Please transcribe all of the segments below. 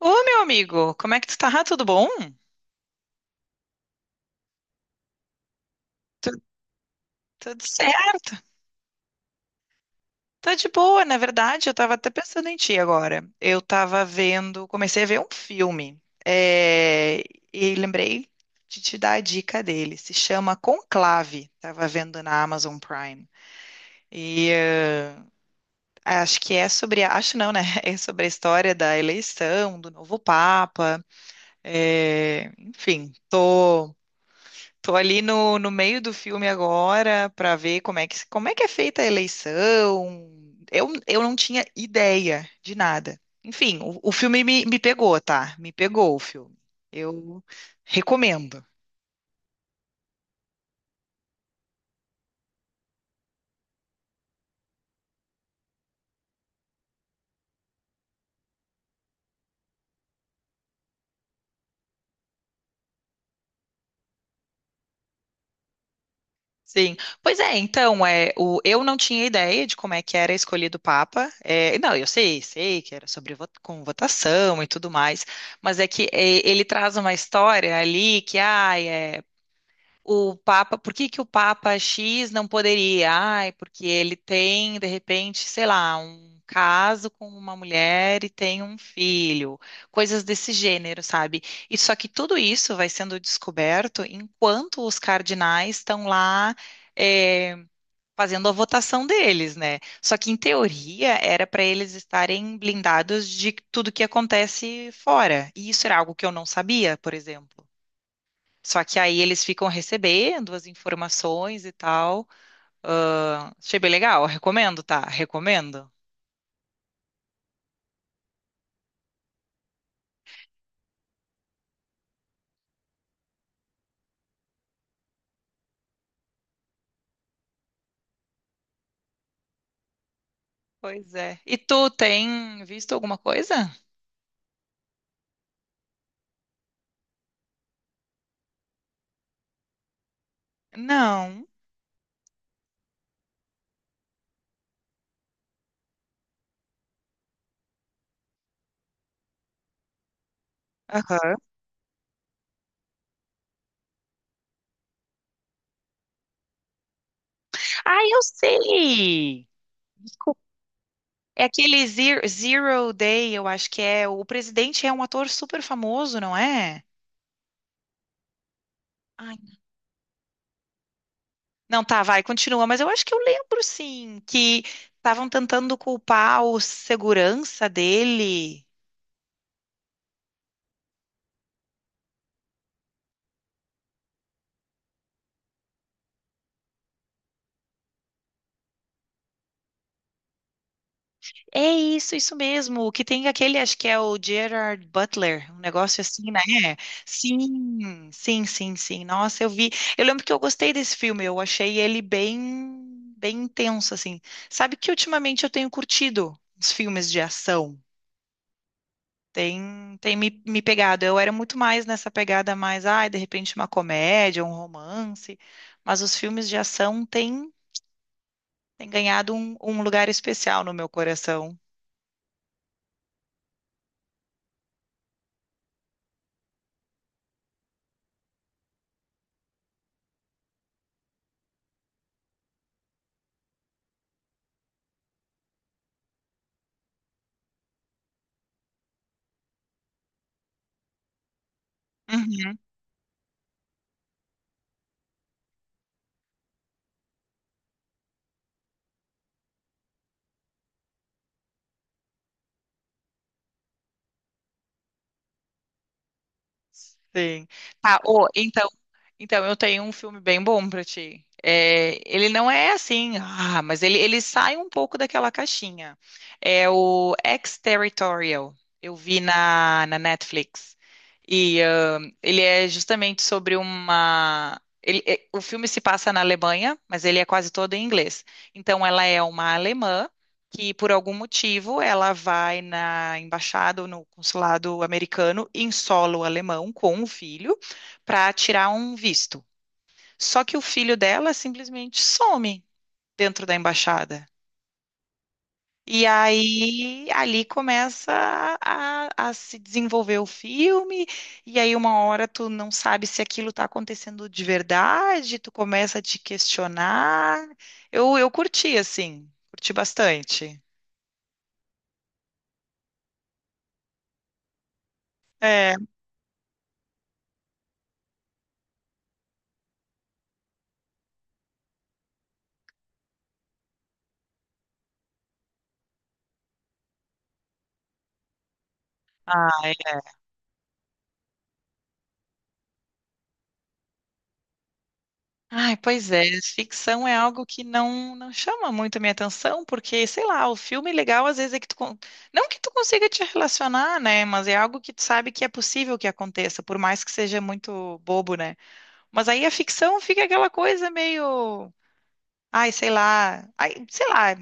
Ô, meu amigo, como é que tu tá? Tudo bom? Tu- tudo certo? Tá de boa, na verdade, eu tava até pensando em ti agora. Eu tava vendo, comecei a ver um filme, e lembrei de te dar a dica dele. Se chama Conclave, tava vendo na Amazon Prime. E eh, acho que é sobre, acho não, né? É sobre a história da eleição do novo Papa. Enfim, Tô ali no, no meio do filme agora para ver como é que é feita a eleição. Eu não tinha ideia de nada. Enfim, o filme me pegou, tá? Me pegou o filme. Eu recomendo. Sim. Pois é, então, eu não tinha ideia de como é que era escolhido o Papa. É, não, eu sei, sei que era sobre com votação e tudo mais, mas ele traz uma história ali que, ah, o Papa, por que que o Papa X não poderia? Ai, porque ele tem, de repente, sei lá, um caso com uma mulher e tem um filho, coisas desse gênero, sabe? E só que tudo isso vai sendo descoberto enquanto os cardinais estão lá eh, fazendo a votação deles, né? Só que em teoria era para eles estarem blindados de tudo que acontece fora. E isso era algo que eu não sabia, por exemplo. Só que aí eles ficam recebendo as informações e tal. Ah, achei bem legal, recomendo, tá? Recomendo. Pois é. E tu tem visto alguma coisa? Não. Aham. Ah, eu sei! Desculpa. É aquele Zero, Zero Day, eu acho que é. O presidente é um ator super famoso, não é? Ai, não, tá, vai, continua. Mas eu acho que eu lembro, sim, que estavam tentando culpar o segurança dele. É isso, isso mesmo. O que tem aquele, acho que é o Gerard Butler, um negócio assim, né? Sim, sim, sim, sim. Nossa, eu vi. Eu lembro que eu gostei desse filme, eu achei ele bem, bem intenso, assim. Sabe que ultimamente eu tenho curtido os filmes de ação. Tem, me pegado. Eu era muito mais nessa pegada mais, ai, de repente uma comédia, um romance. Mas os filmes de ação têm, têm ganhado um, um lugar especial no meu coração. Uhum. Sim. Tá, ô, então, então eu tenho um filme bem bom pra ti. É, ele não é assim, ah, mas ele sai um pouco daquela caixinha. É o Ex-Territorial. Eu vi na, na Netflix. E ah, ele é justamente sobre uma. Ele, o filme se passa na Alemanha, mas ele é quase todo em inglês. Então ela é uma alemã que por algum motivo ela vai na embaixada ou no consulado americano em solo alemão com o filho para tirar um visto. Só que o filho dela simplesmente some dentro da embaixada. E aí ali começa a se desenvolver o filme, e aí uma hora tu não sabe se aquilo está acontecendo de verdade, tu começa a te questionar. Eu curti, assim, curti bastante. É, ai, pois é, ficção é algo que não não chama muito a minha atenção, porque, sei lá, o filme legal às vezes é que tu, não que tu consiga te relacionar, né, mas é algo que tu sabe que é possível que aconteça, por mais que seja muito bobo, né? Mas aí a ficção fica aquela coisa meio, ai, sei lá, ai, sei lá,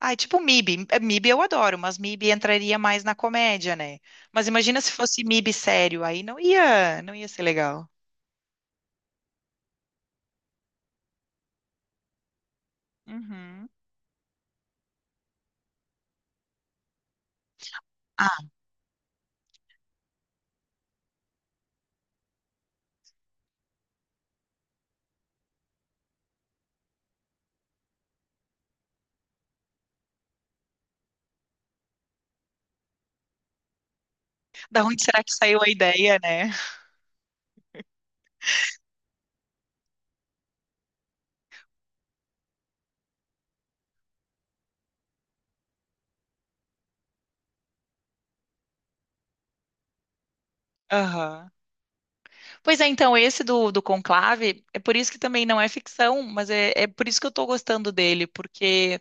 ai, tipo MIB, MIB eu adoro, mas MIB entraria mais na comédia, né? Mas imagina se fosse MIB sério, aí não ia, não ia ser legal. Uhum. Ah, da onde será que saiu a ideia, né? Aham. Pois é, então, esse do, do Conclave, é por isso que também não é ficção, mas é, é por isso que eu tô gostando dele, porque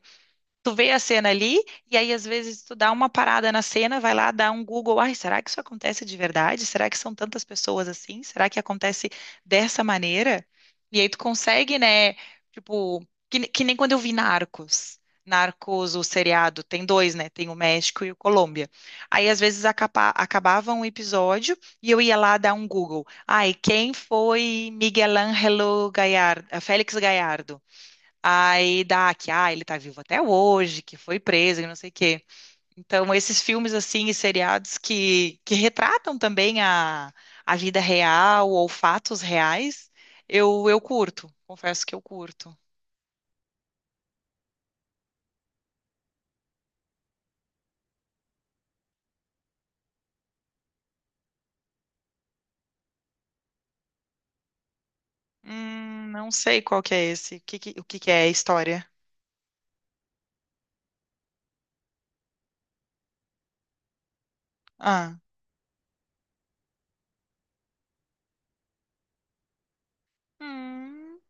tu vê a cena ali, e aí às vezes tu dá uma parada na cena, vai lá, dá um Google, ai, será que isso acontece de verdade? Será que são tantas pessoas assim? Será que acontece dessa maneira? E aí tu consegue, né, tipo, que, que nem quando eu vi Narcos. Narcos, o seriado, tem dois, né? Tem o México e o Colômbia. Aí às vezes acaba, acabava um episódio e eu ia lá dar um Google. Ai, quem foi Miguel Ângelo Gallardo, Félix Gallardo? Aí dá que, ah, ele tá vivo até hoje, que foi preso e não sei o quê. Então, esses filmes, assim, e seriados que retratam também a vida real ou fatos reais, eu curto, confesso que eu curto. Não sei qual que é esse, o que que é a história? Ah, hum,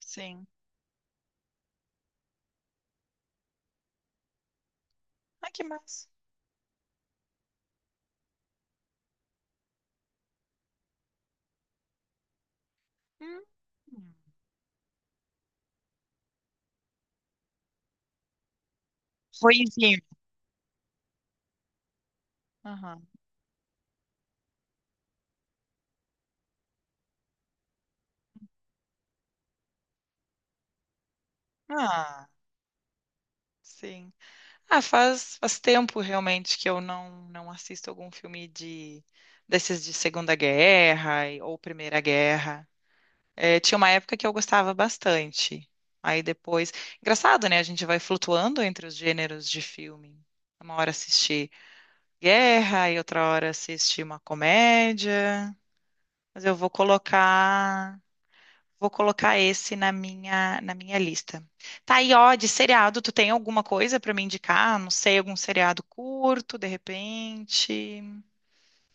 sim. Ah, que massa. Hum, hum. Ruinzinho. Aham. Ah, sim. Ah, faz, faz tempo realmente que eu não, não assisto algum filme de desses de Segunda Guerra ou Primeira Guerra. É, tinha uma época que eu gostava bastante. Aí depois, engraçado, né? A gente vai flutuando entre os gêneros de filme. Uma hora assiste guerra e outra hora assiste uma comédia. Mas eu vou colocar vou colocar esse na minha lista. Tá, e ó, de seriado, tu tem alguma coisa pra me indicar? Não sei, algum seriado curto, de repente?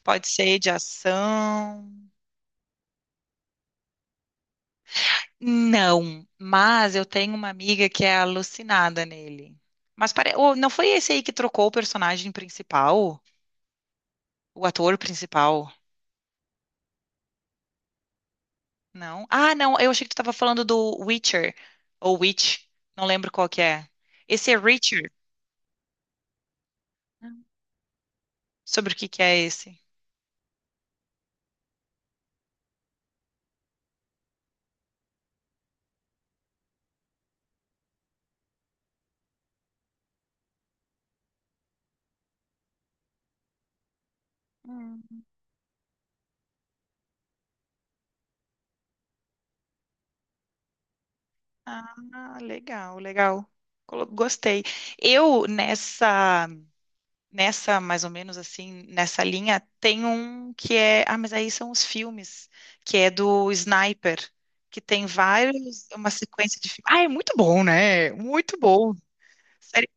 Pode ser de ação? Não, mas eu tenho uma amiga que é alucinada nele. Mas pare... ô, não foi esse aí que trocou o personagem principal? O ator principal? Não? Ah, não, eu achei que tu tava falando do Witcher, ou Witch, não lembro qual que é. Esse é Richard? Sobre o que que é esse? Ah, legal, legal. Gostei. Eu, nessa, nessa, mais ou menos assim, nessa linha, tem um que é. Ah, mas aí são os filmes, que é do Sniper, que tem vários, uma sequência de filmes. Ah, é muito bom, né? Muito bom. Sério.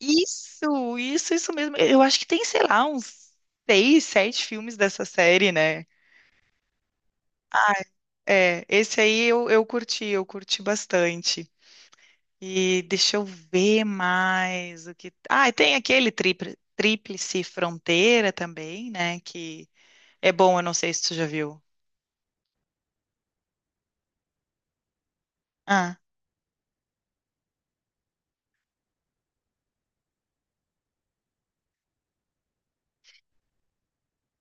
Isso mesmo. Eu acho que tem, sei lá, uns seis, sete filmes dessa série, né? Ah, é. Esse aí eu curti bastante. E deixa eu ver mais o que. Ah, e tem aquele Tríplice Fronteira também, né? Que é bom, eu não sei se tu já viu. Ah,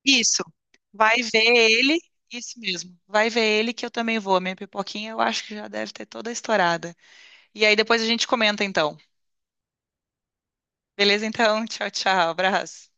isso. Vai ver ele, isso mesmo. Vai ver ele que eu também vou. A minha pipoquinha eu acho que já deve ter toda estourada. E aí depois a gente comenta então. Beleza, então? Tchau, tchau. Abraço.